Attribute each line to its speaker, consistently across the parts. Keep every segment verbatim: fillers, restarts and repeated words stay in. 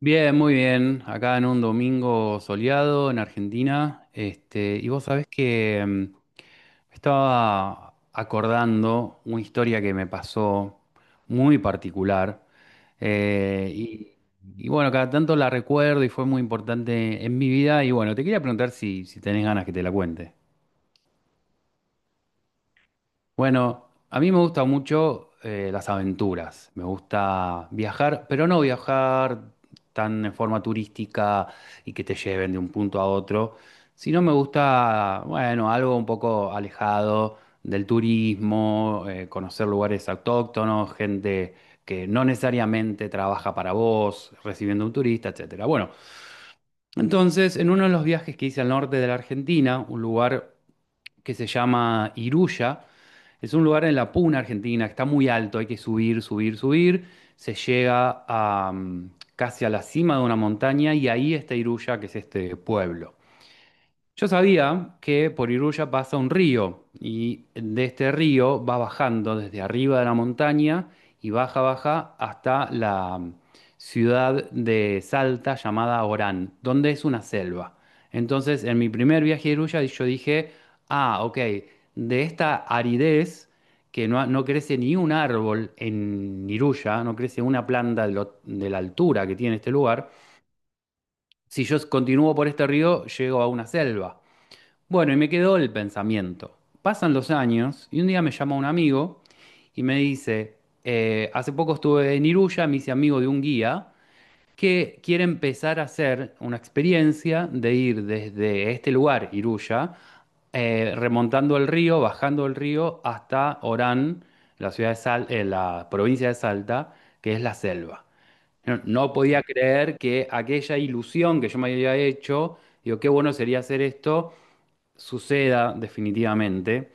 Speaker 1: Bien, muy bien. Acá en un domingo soleado en Argentina. Este, y vos sabés que mm, estaba acordando una historia que me pasó muy particular. Eh, y, y bueno, cada tanto la recuerdo y fue muy importante en mi vida. Y bueno, te quería preguntar si, si tenés ganas que te la cuente. Bueno, a mí me gustan mucho eh, las aventuras, me gusta viajar, pero no viajar tan en forma turística y que te lleven de un punto a otro, sino me gusta, bueno, algo un poco alejado del turismo, eh, conocer lugares autóctonos, gente que no necesariamente trabaja para vos, recibiendo un turista, etcétera. Bueno, entonces, en uno de los viajes que hice al norte de la Argentina, un lugar que se llama Iruya. Es un lugar en la Puna, Argentina, que está muy alto, hay que subir, subir, subir. Se llega a, mm, casi a la cima de una montaña y ahí está Iruya, que es este pueblo. Yo sabía que por Iruya pasa un río y de este río va bajando desde arriba de la montaña y baja, baja hasta la ciudad de Salta llamada Orán, donde es una selva. Entonces, en mi primer viaje a Iruya yo dije, ah, ok, de esta aridez que no, no crece ni un árbol en Iruya, no crece una planta de, lo- de la altura que tiene este lugar, si yo continúo por este río, llego a una selva. Bueno, y me quedó el pensamiento. Pasan los años y un día me llama un amigo y me dice, eh, hace poco estuve en Iruya, me hice amigo de un guía que quiere empezar a hacer una experiencia de ir desde este lugar, Iruya, eh, remontando el río, bajando el río hasta Orán, la ciudad de Sal- eh, la provincia de Salta, que es la selva. No, no podía creer que aquella ilusión que yo me había hecho, digo, qué bueno sería hacer esto suceda definitivamente.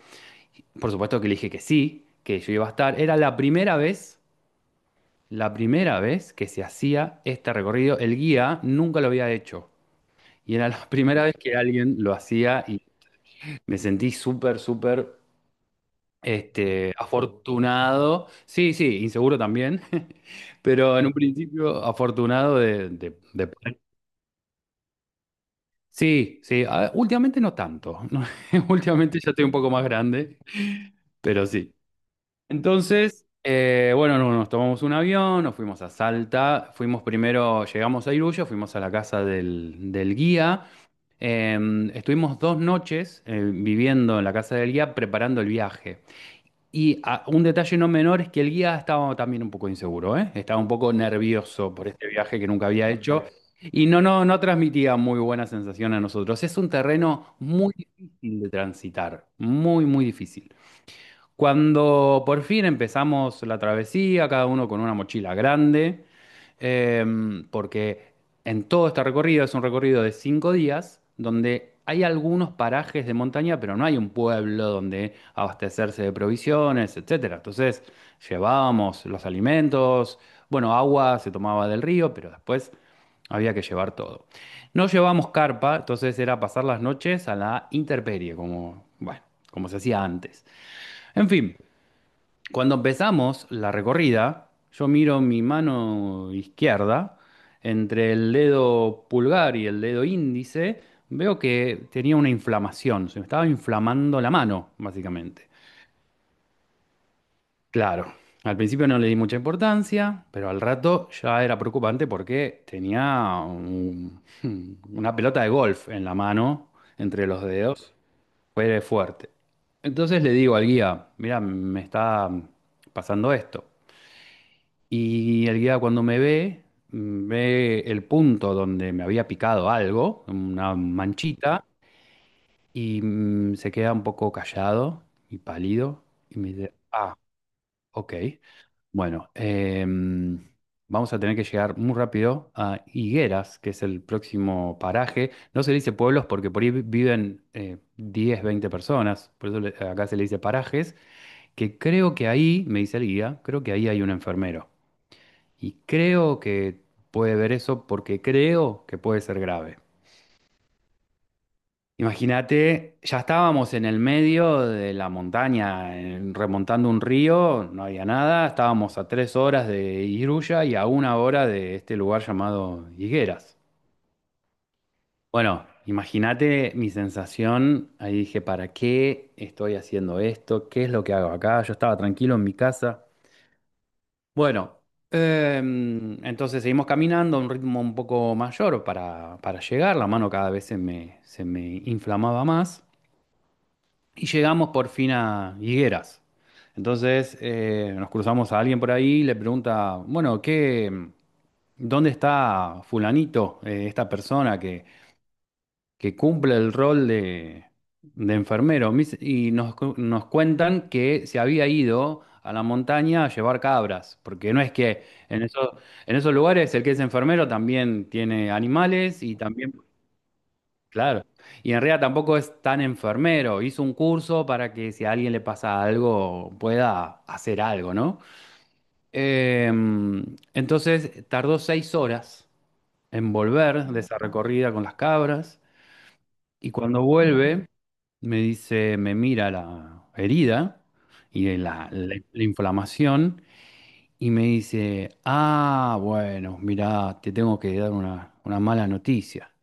Speaker 1: Por supuesto que le dije que sí, que yo iba a estar. Era la primera vez, la primera vez que se hacía este recorrido. El guía nunca lo había hecho. Y era la primera vez que alguien lo hacía y me sentí súper, súper este, afortunado. Sí, sí, inseguro también, pero en un principio afortunado de... de- de- poder. Sí, sí, A- últimamente no tanto. Últimamente ya estoy un poco más grande, pero sí. Entonces, eh, bueno, no- nos tomamos un avión, nos fuimos a Salta, fuimos primero, llegamos a Iruyo, fuimos a la casa del, del guía, eh, estuvimos dos noches eh, viviendo en la casa del guía preparando el viaje. Y ah, un detalle no menor es que el guía estaba también un poco inseguro, ¿eh? Estaba un poco nervioso por este viaje que nunca había hecho y no, no, no transmitía muy buena sensación a nosotros. Es un terreno muy difícil de transitar, muy, muy difícil. Cuando por fin empezamos la travesía, cada uno con una mochila grande, em, porque en todo este recorrido es un recorrido de cinco días, donde hay algunos parajes de montaña, pero no hay un pueblo donde abastecerse de provisiones, etcétera. Entonces llevábamos los alimentos, bueno, agua se tomaba del río, pero después había que llevar todo. No llevamos carpa, entonces era pasar las noches a la intemperie, como, bueno, como se hacía antes. En fin, cuando empezamos la recorrida, yo miro mi mano izquierda, entre el dedo pulgar y el dedo índice, veo que tenía una inflamación, se me estaba inflamando la mano, básicamente. Claro, al principio no le di mucha importancia, pero al rato ya era preocupante porque tenía un- una pelota de golf en la mano, entre los dedos, fue fuerte. Entonces le digo al guía, mira, me está pasando esto. Y el guía cuando me ve, mm, ve el punto donde me había picado algo, una manchita, y mm, se queda un poco callado y pálido y me dice, ah, ok, bueno, em, vamos a tener que llegar muy rápido a Higueras, que es el próximo paraje. No se le dice pueblos porque por ahí vi- viven eh, diez, veinte personas, por eso le- acá se le dice parajes, que creo que ahí, me dice el guía, creo que ahí hay un enfermero. Y creo que puede ver eso porque creo que puede ser grave. Imagínate, ya estábamos en el medio de la montaña, en- remontando un río, no había nada, estábamos a tres horas de Iruya y a una hora de este lugar llamado Higueras. Bueno, imagínate mi sensación, ahí dije, ¿para qué estoy haciendo esto? ¿Qué es lo que hago acá? Yo estaba tranquilo en mi casa. Bueno, em, entonces seguimos caminando a un ritmo un poco mayor para, para llegar. La mano cada vez se me, se me inflamaba más. Y llegamos por fin a Higueras. Entonces eh, nos cruzamos a alguien por ahí y le pregunta, bueno, ¿qué, dónde está fulanito, eh, esta persona que que cumple el rol de, de enfermero. Mis- Y nos, cu- nos cuentan que se había ido a la montaña a llevar cabras, porque no es que en esos, en esos lugares el que es enfermero también tiene animales y también, claro, y en realidad tampoco es tan enfermero. Hizo un curso para que si a alguien le pasa algo pueda hacer algo, ¿no? Em, entonces tardó seis horas en volver de esa recorrida con las cabras y cuando vuelve... Me dice, me mira la herida y la, la- la inflamación y me dice, ah, bueno, mira, te tengo que dar una, una mala noticia.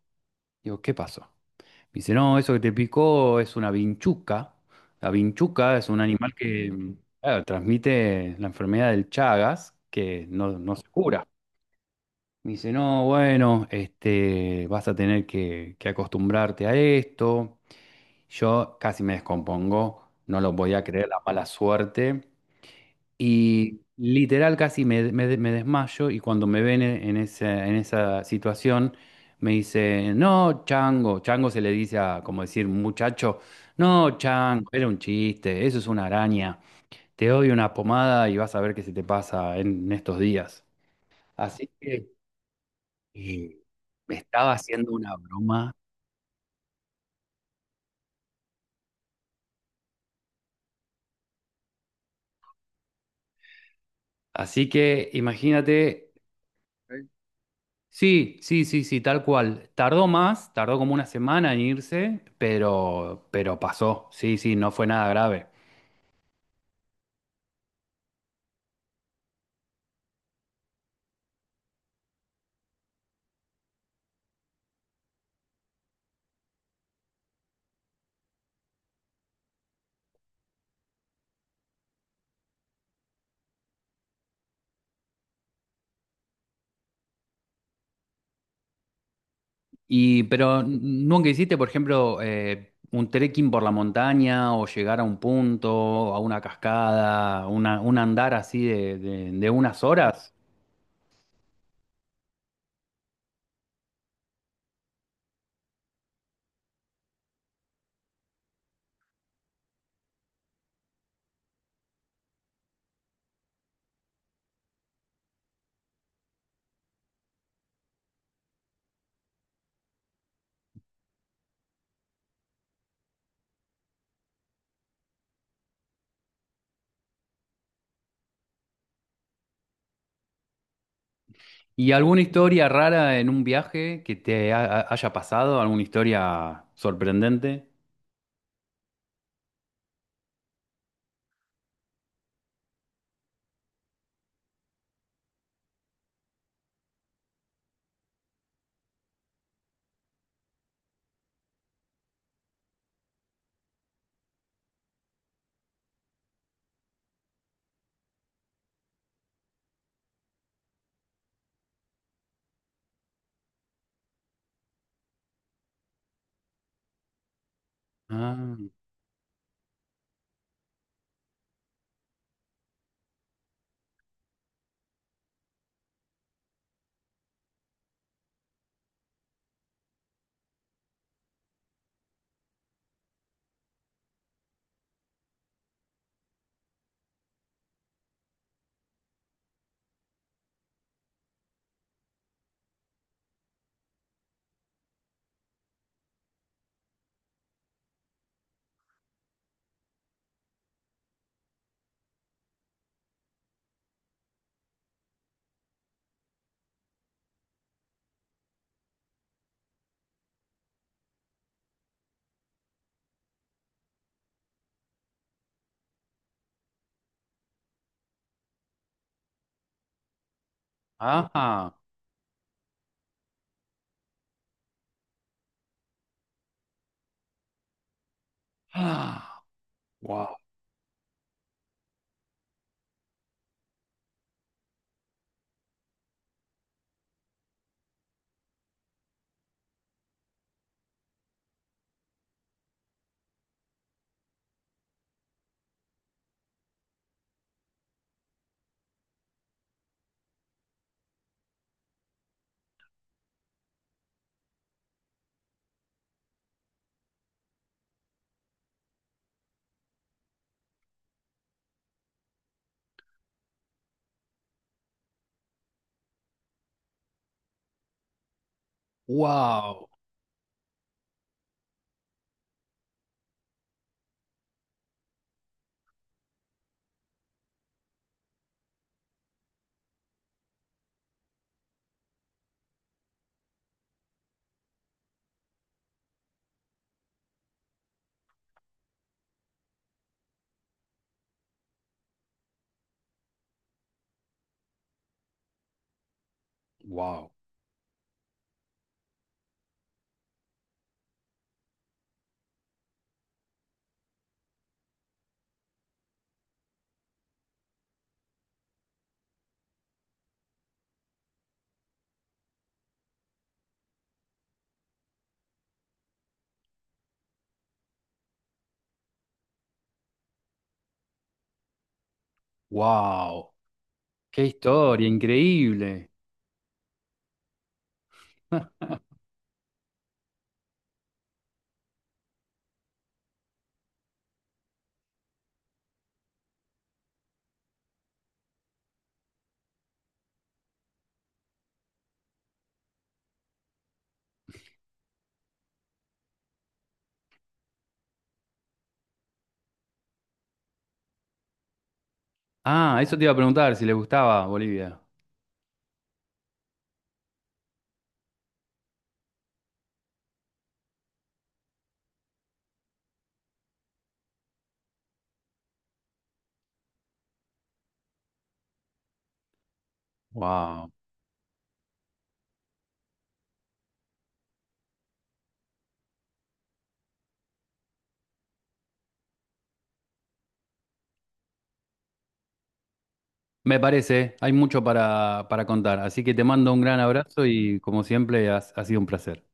Speaker 1: Digo, ¿qué pasó? Me dice, no, eso que te picó es una vinchuca. La vinchuca es un animal que claro, transmite la enfermedad del Chagas, que no, no se cura. Me dice, no, bueno, este, vas a tener que, que acostumbrarte a esto. Yo casi me descompongo, no lo podía creer, la mala suerte. Y literal casi me, me- me desmayo y cuando me ven en, en esa, en esa situación me dice, no, chango, chango se le dice a, como decir, muchacho, no, chango, era un chiste, eso es una araña, te doy una pomada y vas a ver qué se te pasa en en estos días. Así que eh, me estaba haciendo una broma. Así que imagínate. Sí, sí, sí, sí, tal cual. Tardó más, tardó como una semana en irse, pero, pero pasó. Sí, sí, no fue nada grave. Y, pero nunca hiciste, por ejemplo, eh, un trekking por la montaña o llegar a un punto, a una cascada, una, un andar así de, de, de unas horas. ¿Y alguna historia rara en un viaje que te ha- ha- haya pasado? ¿Alguna historia sorprendente? Ah, ajá. Ah, wow, wow, wow. Wow, qué historia, increíble. Ah, eso te iba a preguntar si le gustaba Bolivia. Wow. Me parece, hay mucho para, para contar. Así que te mando un gran abrazo y como siempre ha ha sido un placer.